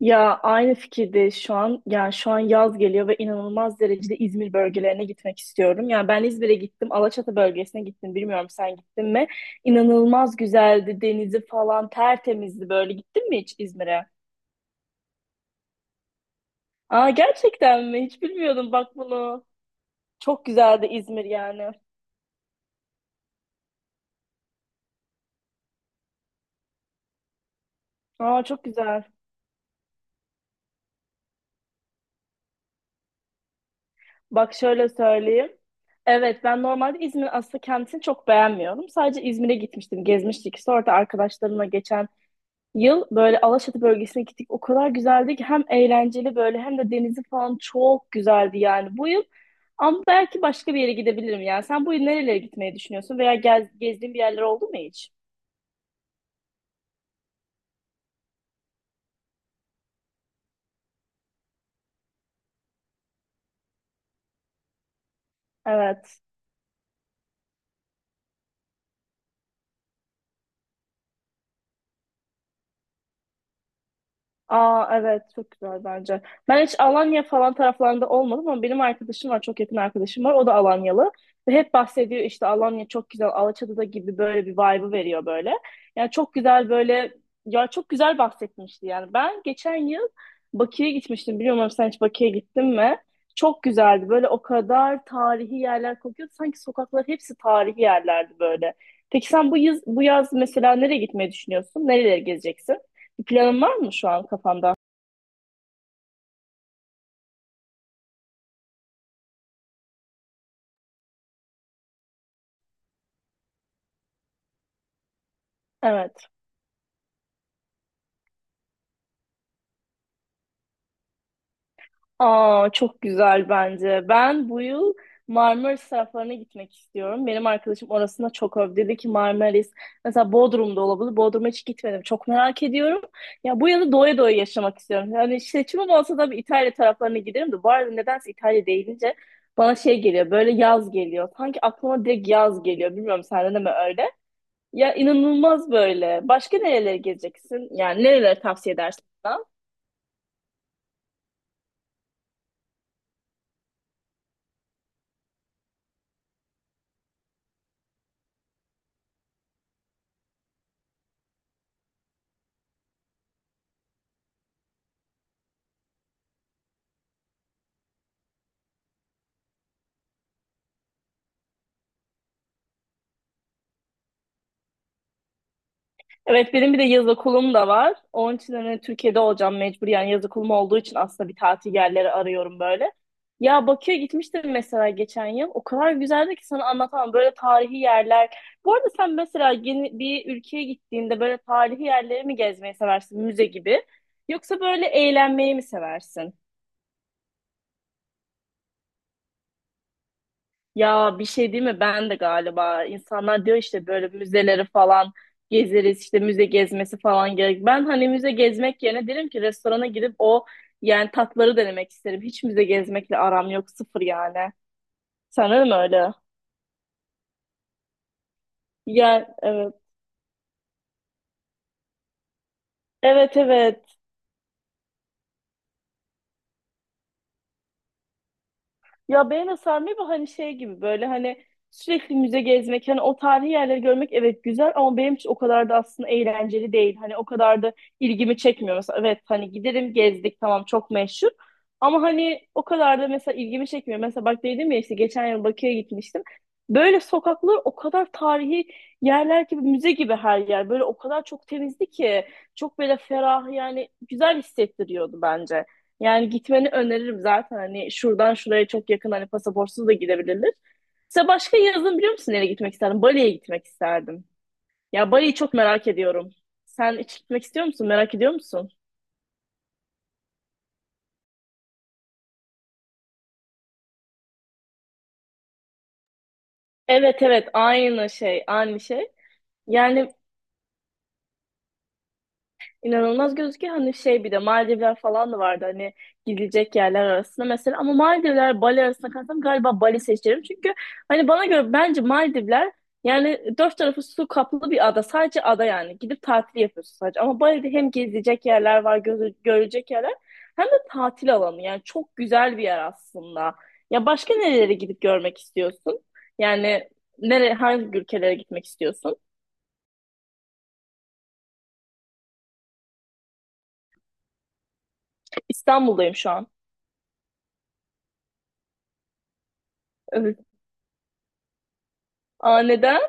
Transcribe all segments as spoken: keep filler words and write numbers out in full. Ya aynı fikirde şu an, yani şu an yaz geliyor ve inanılmaz derecede İzmir bölgelerine gitmek istiyorum. Yani ben İzmir'e gittim, Alaçatı bölgesine gittim. Bilmiyorum, sen gittin mi? İnanılmaz güzeldi, denizi falan tertemizdi böyle. Gittin mi hiç İzmir'e? Aa, gerçekten mi? Hiç bilmiyordum, bak bunu. Çok güzeldi İzmir yani. Aa, çok güzel. Bak şöyle söyleyeyim. Evet, ben normalde İzmir aslında kendisini çok beğenmiyorum. Sadece İzmir'e gitmiştim, gezmiştik. Sonra da arkadaşlarımla geçen yıl böyle Alaçatı bölgesine gittik. O kadar güzeldi ki, hem eğlenceli böyle hem de denizi falan çok güzeldi yani bu yıl. Ama belki başka bir yere gidebilirim yani. Sen bu yıl nerelere gitmeyi düşünüyorsun veya gez, gezdiğin bir yerler oldu mu hiç? Evet. Aa, evet, çok güzel bence. Ben hiç Alanya falan taraflarında olmadım ama benim arkadaşım var, çok yakın arkadaşım var, o da Alanyalı. Ve hep bahsediyor işte, Alanya çok güzel, Alaçatı'da gibi böyle bir vibe'ı veriyor böyle. Yani çok güzel böyle, ya çok güzel bahsetmişti yani. Ben geçen yıl Bakü'ye gitmiştim, bilmiyorum sen hiç Bakü'ye gittin mi? Çok güzeldi böyle, o kadar tarihi yerler kokuyordu sanki, sokaklar hepsi tarihi yerlerdi böyle. Peki sen bu yaz, bu yaz mesela nereye gitmeyi düşünüyorsun? Nereleri gezeceksin? Bir planın var mı şu an kafanda? Evet. Aa, çok güzel bence. Ben bu yıl Marmaris taraflarına gitmek istiyorum. Benim arkadaşım orasına çok övdü. Dedi ki Marmaris mesela, Bodrum'da olabilir. Bodrum'a hiç gitmedim. Çok merak ediyorum. Ya bu yılı doya doya yaşamak istiyorum. Yani seçimim olsa da bir İtalya taraflarına giderim de. Bu arada nedense İtalya deyince bana şey geliyor. Böyle yaz geliyor. Sanki aklıma direkt yaz geliyor. Bilmiyorum, sende de mi öyle? Ya inanılmaz böyle. Başka nerelere gezeceksin? Yani nerelere tavsiye edersin? Evet, benim bir de yaz okulum da var. Onun için hani Türkiye'de olacağım mecbur. Yani yaz okulum olduğu için aslında bir tatil yerleri arıyorum böyle. Ya Bakü'ye gitmiştim mesela geçen yıl. O kadar güzeldi ki sana anlatamam. Böyle tarihi yerler. Bu arada sen mesela yeni bir ülkeye gittiğinde böyle tarihi yerleri mi gezmeyi seversin? Müze gibi. Yoksa böyle eğlenmeyi mi seversin? Ya bir şey değil mi? Ben de galiba, insanlar diyor işte böyle müzeleri falan gezeriz işte, müze gezmesi falan gerek. Ben hani müze gezmek yerine derim ki restorana gidip o yani tatları denemek isterim. Hiç müze gezmekle aram yok, sıfır yani. Sen öyle mi öyle? Ya evet. Evet, evet. Ya beğene sarmıyor bu, hani şey gibi böyle hani sürekli müze gezmek, hani o tarihi yerleri görmek, evet güzel ama benim için o kadar da aslında eğlenceli değil. Hani o kadar da ilgimi çekmiyor. Mesela evet, hani giderim, gezdik, tamam, çok meşhur ama hani o kadar da mesela ilgimi çekmiyor. Mesela bak, dedim ya işte geçen yıl Bakü'ye gitmiştim. Böyle sokaklar o kadar tarihi yerler gibi, müze gibi her yer, böyle o kadar çok temizdi ki, çok böyle ferah yani, güzel hissettiriyordu bence. Yani gitmeni öneririm zaten. Hani şuradan şuraya çok yakın, hani pasaportsuz da gidebilir. Mesela başka yazın biliyor musun nereye gitmek isterdim? Bali'ye gitmek isterdim. Ya Bali'yi çok merak ediyorum. Sen hiç gitmek istiyor musun? Merak ediyor musun? Evet, evet, aynı şey aynı şey. Yani İnanılmaz gözüküyor. Hani şey, bir de Maldivler falan da vardı hani gidilecek yerler arasında mesela. Ama Maldivler Bali arasında kalsam galiba Bali seçerim. Çünkü hani bana göre bence Maldivler yani dört tarafı su kaplı bir ada. Sadece ada yani. Gidip tatil yapıyorsun sadece. Ama Bali'de hem gezilecek yerler var, gözü, görülecek yerler hem de tatil alanı. Yani çok güzel bir yer aslında. Ya başka nerelere gidip görmek istiyorsun? Yani nereye, hangi ülkelere gitmek istiyorsun? İstanbul'dayım şu an. Evet. Aa, neden?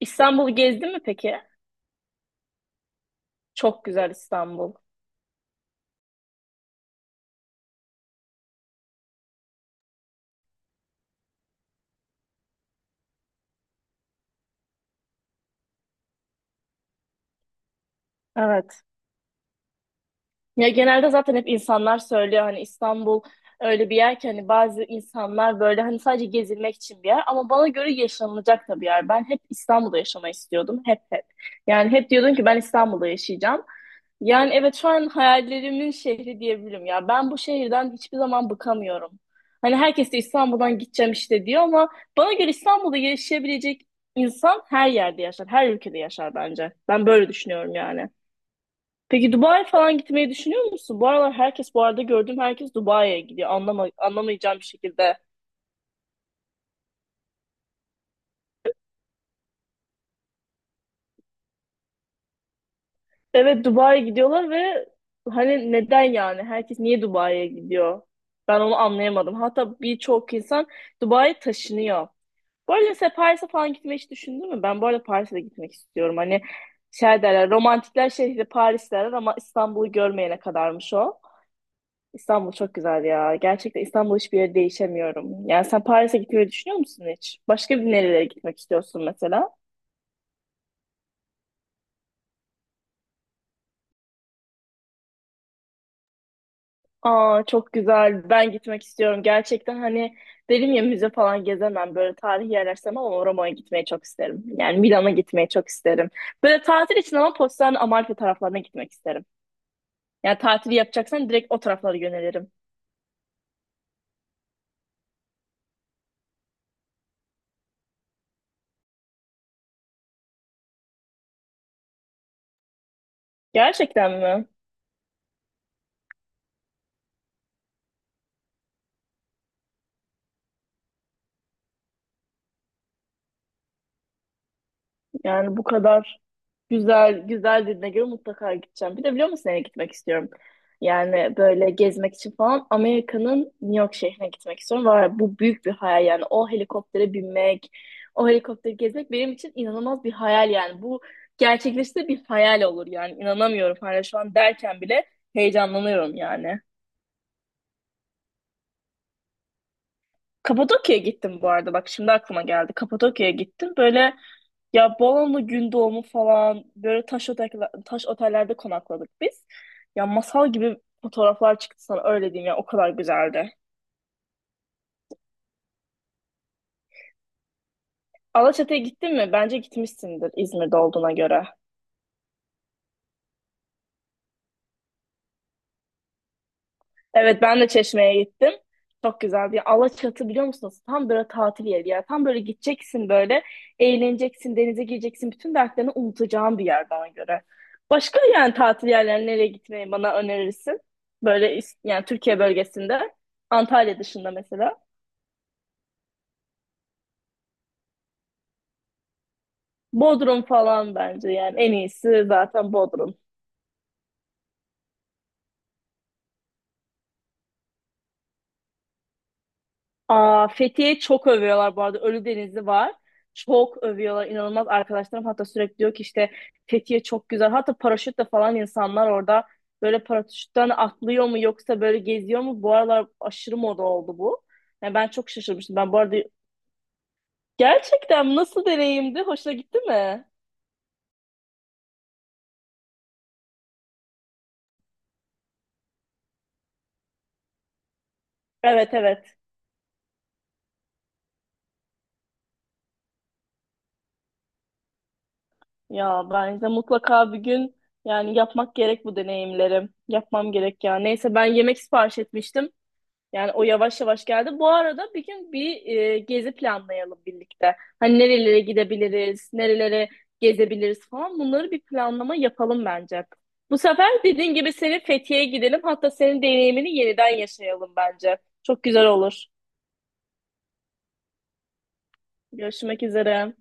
İstanbul'u gezdin mi peki? Çok güzel İstanbul. Evet. Ya genelde zaten hep insanlar söylüyor, hani İstanbul öyle bir yer ki, hani bazı insanlar böyle hani sadece gezilmek için bir yer ama bana göre yaşanılacak da bir yer. Ben hep İstanbul'da yaşamayı istiyordum. Hep, hep. Yani hep diyordum ki ben İstanbul'da yaşayacağım. Yani evet, şu an hayallerimin şehri diyebilirim ya. Ben bu şehirden hiçbir zaman bıkamıyorum. Hani herkes de İstanbul'dan gideceğim işte diyor ama bana göre İstanbul'da yaşayabilecek insan her yerde yaşar, her ülkede yaşar bence. Ben böyle düşünüyorum yani. Peki Dubai falan gitmeyi düşünüyor musun? Bu aralar herkes, bu arada gördüğüm herkes Dubai'ye gidiyor. Anlama, anlamayacağım bir şekilde. Evet, Dubai'ye gidiyorlar ve hani neden yani? Herkes niye Dubai'ye gidiyor? Ben onu anlayamadım. Hatta birçok insan Dubai'ye taşınıyor. Bu arada mesela Paris'e falan gitmeyi hiç düşündün mü? Ben bu arada Paris'e de gitmek istiyorum. Hani şey derler, romantikler şehri Paris derler ama İstanbul'u görmeyene kadarmış o. İstanbul çok güzel ya. Gerçekten İstanbul hiçbir yere değişemiyorum. Yani sen Paris'e gitmeyi düşünüyor musun hiç? Başka bir nerelere gitmek istiyorsun mesela? Aa, çok güzel. Ben gitmek istiyorum. Gerçekten hani dedim ya müze falan gezemem. Böyle tarihi yerler sevmem ama Roma'ya gitmeyi çok isterim. Yani Milan'a gitmeyi çok isterim. Böyle tatil için ama Positano, Amalfi taraflarına gitmek isterim. Yani tatili yapacaksan direkt o taraflara yönelirim. Gerçekten mi? Yani bu kadar güzel güzel dediğine göre mutlaka gideceğim. Bir de biliyor musun nereye gitmek istiyorum? Yani böyle gezmek için falan Amerika'nın New York şehrine gitmek istiyorum. Var bu, büyük bir hayal yani, o helikoptere binmek, o helikopteri gezmek benim için inanılmaz bir hayal yani. Bu gerçekleşse bir hayal olur yani. İnanamıyorum, hala şu an derken bile heyecanlanıyorum yani. Kapadokya'ya gittim bu arada, bak şimdi aklıma geldi. Kapadokya'ya gittim böyle, ya Bolu'nun Gündoğdu falan, böyle taş otel, taş otellerde konakladık biz. Ya masal gibi fotoğraflar çıktı, sana öyle diyeyim ya, o kadar güzeldi. Alaçatı'ya gittin mi? Bence gitmişsindir İzmir'de olduğuna göre. Evet, ben de Çeşme'ye gittim. Çok güzel bir Alaçatı, biliyor musunuz? Tam böyle tatil yeri bir yer. Tam böyle gideceksin böyle, eğleneceksin, denize gireceksin. Bütün dertlerini unutacağın bir yer bana göre. Başka yani tatil yerlerine nereye gitmeyi bana önerirsin? Böyle is- yani Türkiye bölgesinde Antalya dışında mesela. Bodrum falan bence, yani en iyisi zaten Bodrum. Aa, Fethiye çok övüyorlar bu arada. Ölüdeniz'i var. Çok övüyorlar. İnanılmaz, arkadaşlarım hatta sürekli diyor ki işte Fethiye çok güzel. Hatta paraşütle falan insanlar orada böyle paraşütten atlıyor mu yoksa böyle geziyor mu? Bu aralar aşırı moda oldu bu. Yani ben çok şaşırmıştım. Ben bu arada gerçekten nasıl deneyimdi? Hoşuna gitti mi? Evet, evet. Ya bence mutlaka bir gün yani yapmak gerek bu deneyimlerim. Yapmam gerek ya. Neyse, ben yemek sipariş etmiştim. Yani o yavaş yavaş geldi. Bu arada bir gün bir e, gezi planlayalım birlikte. Hani nerelere gidebiliriz, nerelere gezebiliriz falan. Bunları bir planlama yapalım bence. Bu sefer dediğin gibi senin Fethiye'ye gidelim. Hatta senin deneyimini yeniden yaşayalım bence. Çok güzel olur. Görüşmek üzere.